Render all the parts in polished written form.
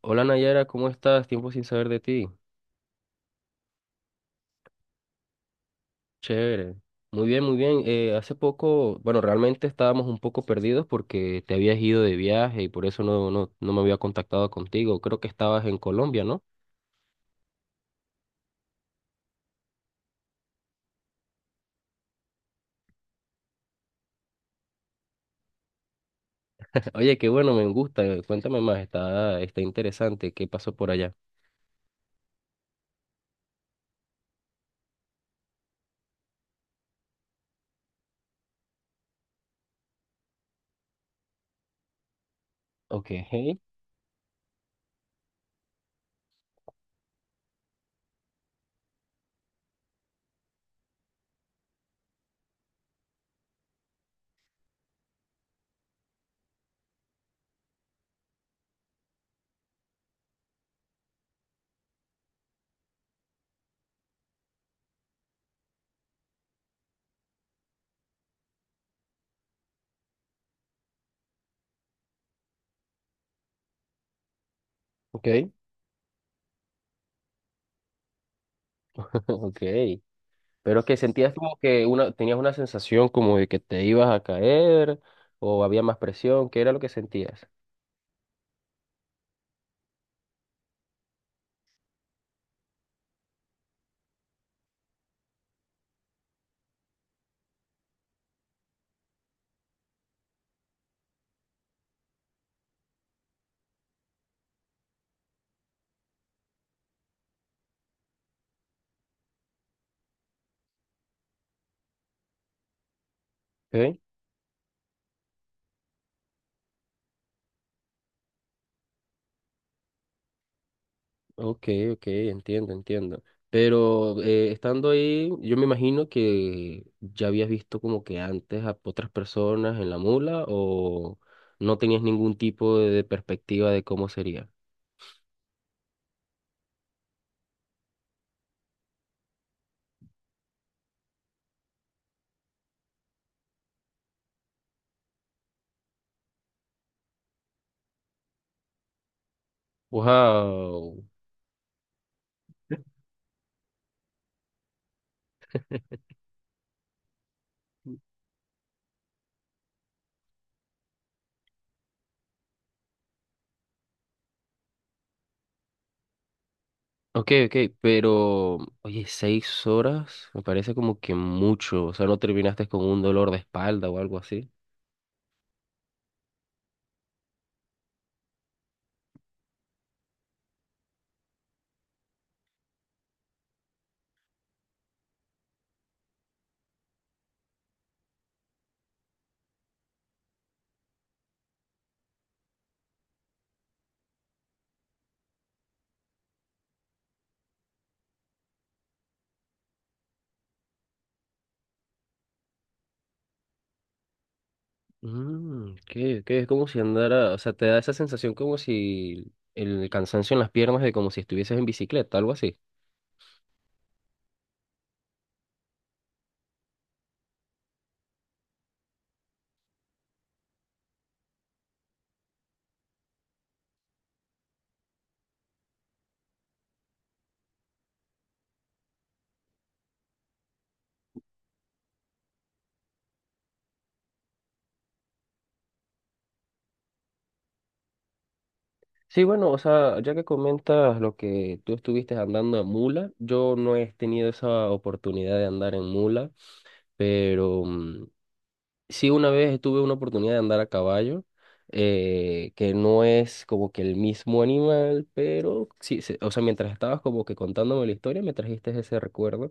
Hola Nayara, ¿cómo estás? Tiempo sin saber de ti. Chévere. Muy bien, muy bien. Hace poco, bueno, realmente estábamos un poco perdidos porque te habías ido de viaje y por eso no me había contactado contigo. Creo que estabas en Colombia, ¿no? Oye, qué bueno, me gusta. Cuéntame más, está interesante. ¿Qué pasó por allá? Ok. Ok. Ok. Pero que sentías como que tenías una sensación como de que te ibas a caer o había más presión. ¿Qué era lo que sentías? Ok. Ok, ok, entiendo, entiendo. Pero estando ahí, yo me imagino que ya habías visto como que antes a otras personas en la mula o no tenías ningún tipo de perspectiva de cómo sería. Wow. Ok, ok, pero oye, 6 horas me parece como que mucho. O sea, no terminaste con un dolor de espalda o algo así. Que es como si andara, o sea, te da esa sensación como si el cansancio en las piernas de como si estuvieses en bicicleta, algo así. Sí, bueno, o sea, ya que comentas lo que tú estuviste andando en mula, yo no he tenido esa oportunidad de andar en mula, pero sí, una vez tuve una oportunidad de andar a caballo, que no es como que el mismo animal, pero sí, o sea, mientras estabas como que contándome la historia, me trajiste ese recuerdo.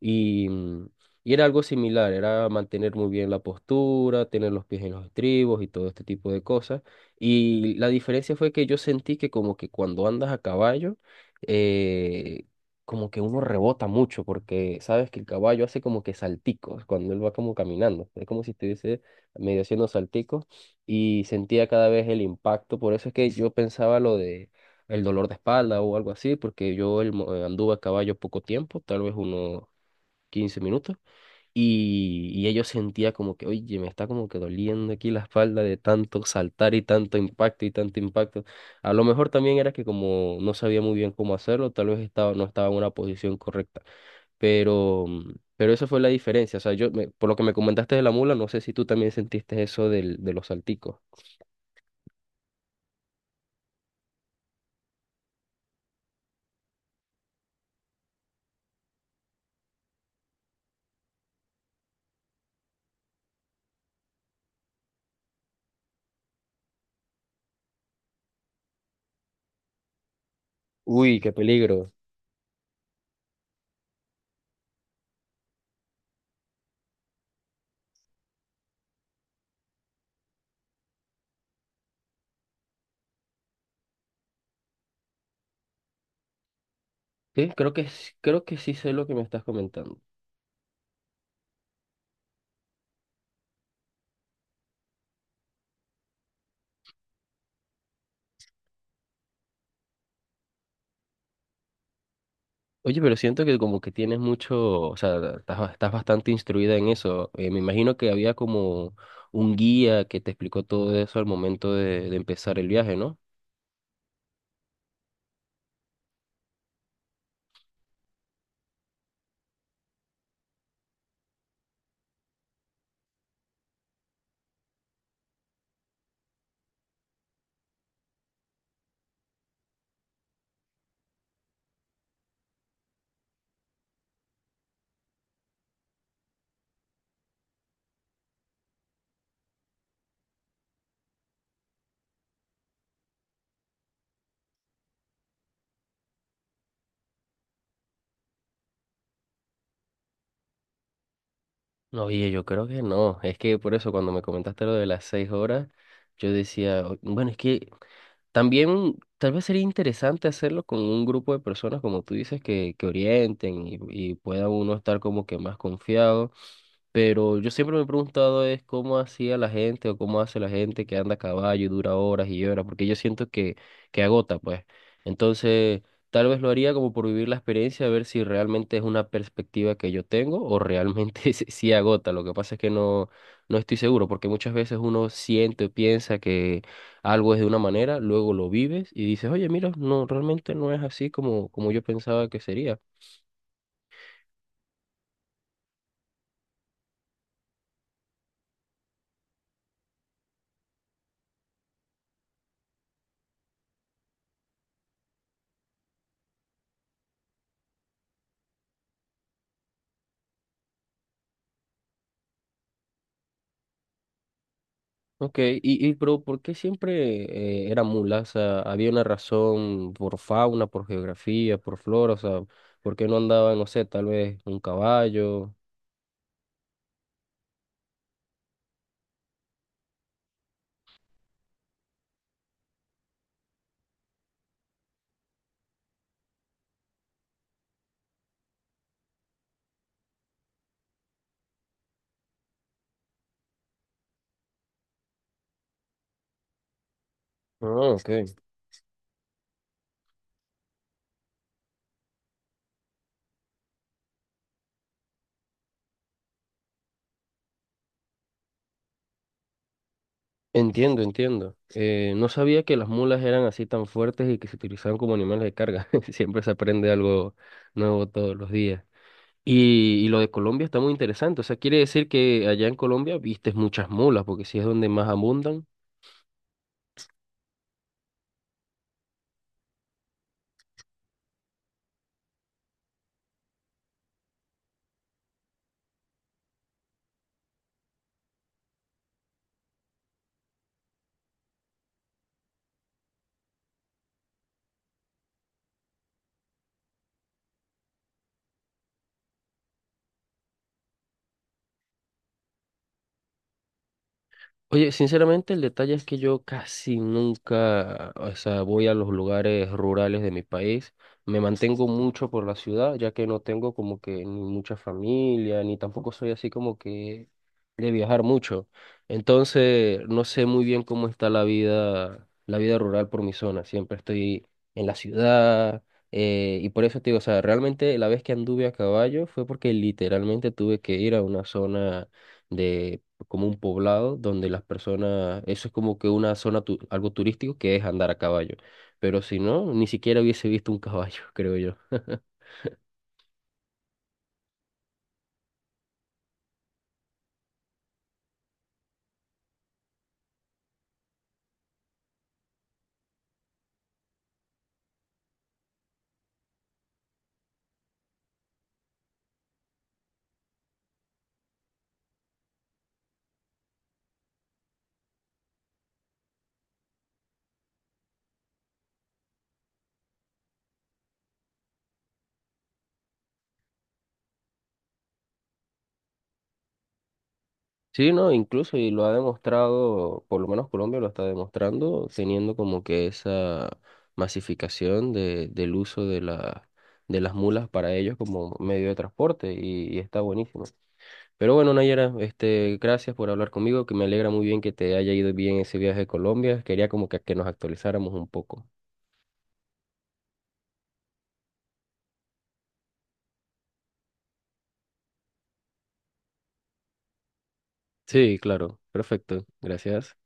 Y, mm, y era algo similar, era mantener muy bien la postura, tener los pies en los estribos y todo este tipo de cosas. Y la diferencia fue que yo sentí que como que cuando andas a caballo, eh, como que uno rebota mucho, porque sabes que el caballo hace como que salticos cuando él va como caminando. Es como si estuviese medio haciendo salticos y sentía cada vez el impacto. Por eso es que yo pensaba lo de el dolor de espalda o algo así, porque yo anduve a caballo poco tiempo, tal vez unos 15 minutos, y ella sentía como que, oye, me está como que doliendo aquí la espalda de tanto saltar y tanto impacto y tanto impacto. A lo mejor también era que como no sabía muy bien cómo hacerlo, tal vez no estaba en una posición correcta, pero, pero esa fue la diferencia. O sea, por lo que me comentaste de la mula, no sé si tú también sentiste eso de los salticos. Uy, qué peligro. Sí, creo que sí sé lo que me estás comentando. Oye, pero siento que como que tienes mucho, o sea, estás bastante instruida en eso. Me imagino que había como un guía que te explicó todo eso al momento de empezar el viaje, ¿no? No, oye, yo creo que no. Es que por eso cuando me comentaste lo de las 6 horas, yo decía: Bueno, es que también tal vez sería interesante hacerlo con un grupo de personas, como tú dices, que orienten y pueda uno estar como que más confiado. Pero yo siempre me he preguntado es cómo hacía la gente o cómo hace la gente que anda a caballo y dura horas y horas, porque yo siento que agota, pues. Entonces, tal vez lo haría como por vivir la experiencia, a ver si realmente es una perspectiva que yo tengo o realmente sí agota. Lo que pasa es que no estoy seguro, porque muchas veces uno siente o piensa que algo es de una manera, luego lo vives y dices, oye, mira, no, realmente no es así como, como yo pensaba que sería. Ok, y pero ¿por qué siempre era mula? O sea, ¿había una razón por fauna, por geografía, por flora? O sea, ¿por qué no andaba, no sé, tal vez un caballo? Ah, ok. Entiendo, entiendo. No sabía que las mulas eran así tan fuertes y que se utilizaban como animales de carga. Siempre se aprende algo nuevo todos los días. Y lo de Colombia está muy interesante. O sea, quiere decir que allá en Colombia vistes muchas mulas, porque sí es donde más abundan. Oye, sinceramente el detalle es que yo casi nunca, o sea, voy a los lugares rurales de mi país. Me mantengo mucho por la ciudad, ya que no tengo como que ni mucha familia, ni tampoco soy así como que de viajar mucho. Entonces, no sé muy bien cómo está la vida rural por mi zona. Siempre estoy en la ciudad, y por eso te digo, o sea, realmente la vez que anduve a caballo fue porque literalmente tuve que ir a una zona de como un poblado donde las personas, eso es como que una zona, algo turístico que es andar a caballo. Pero si no, ni siquiera hubiese visto un caballo, creo yo. Sí, no, incluso, y lo ha demostrado, por lo menos Colombia lo está demostrando, teniendo como que esa masificación del uso de la, de las mulas para ellos como medio de transporte, y está buenísimo. Pero bueno, Nayara, este, gracias por hablar conmigo, que me alegra muy bien que te haya ido bien ese viaje a Colombia. Quería como que nos actualizáramos un poco. Sí, claro, perfecto, gracias.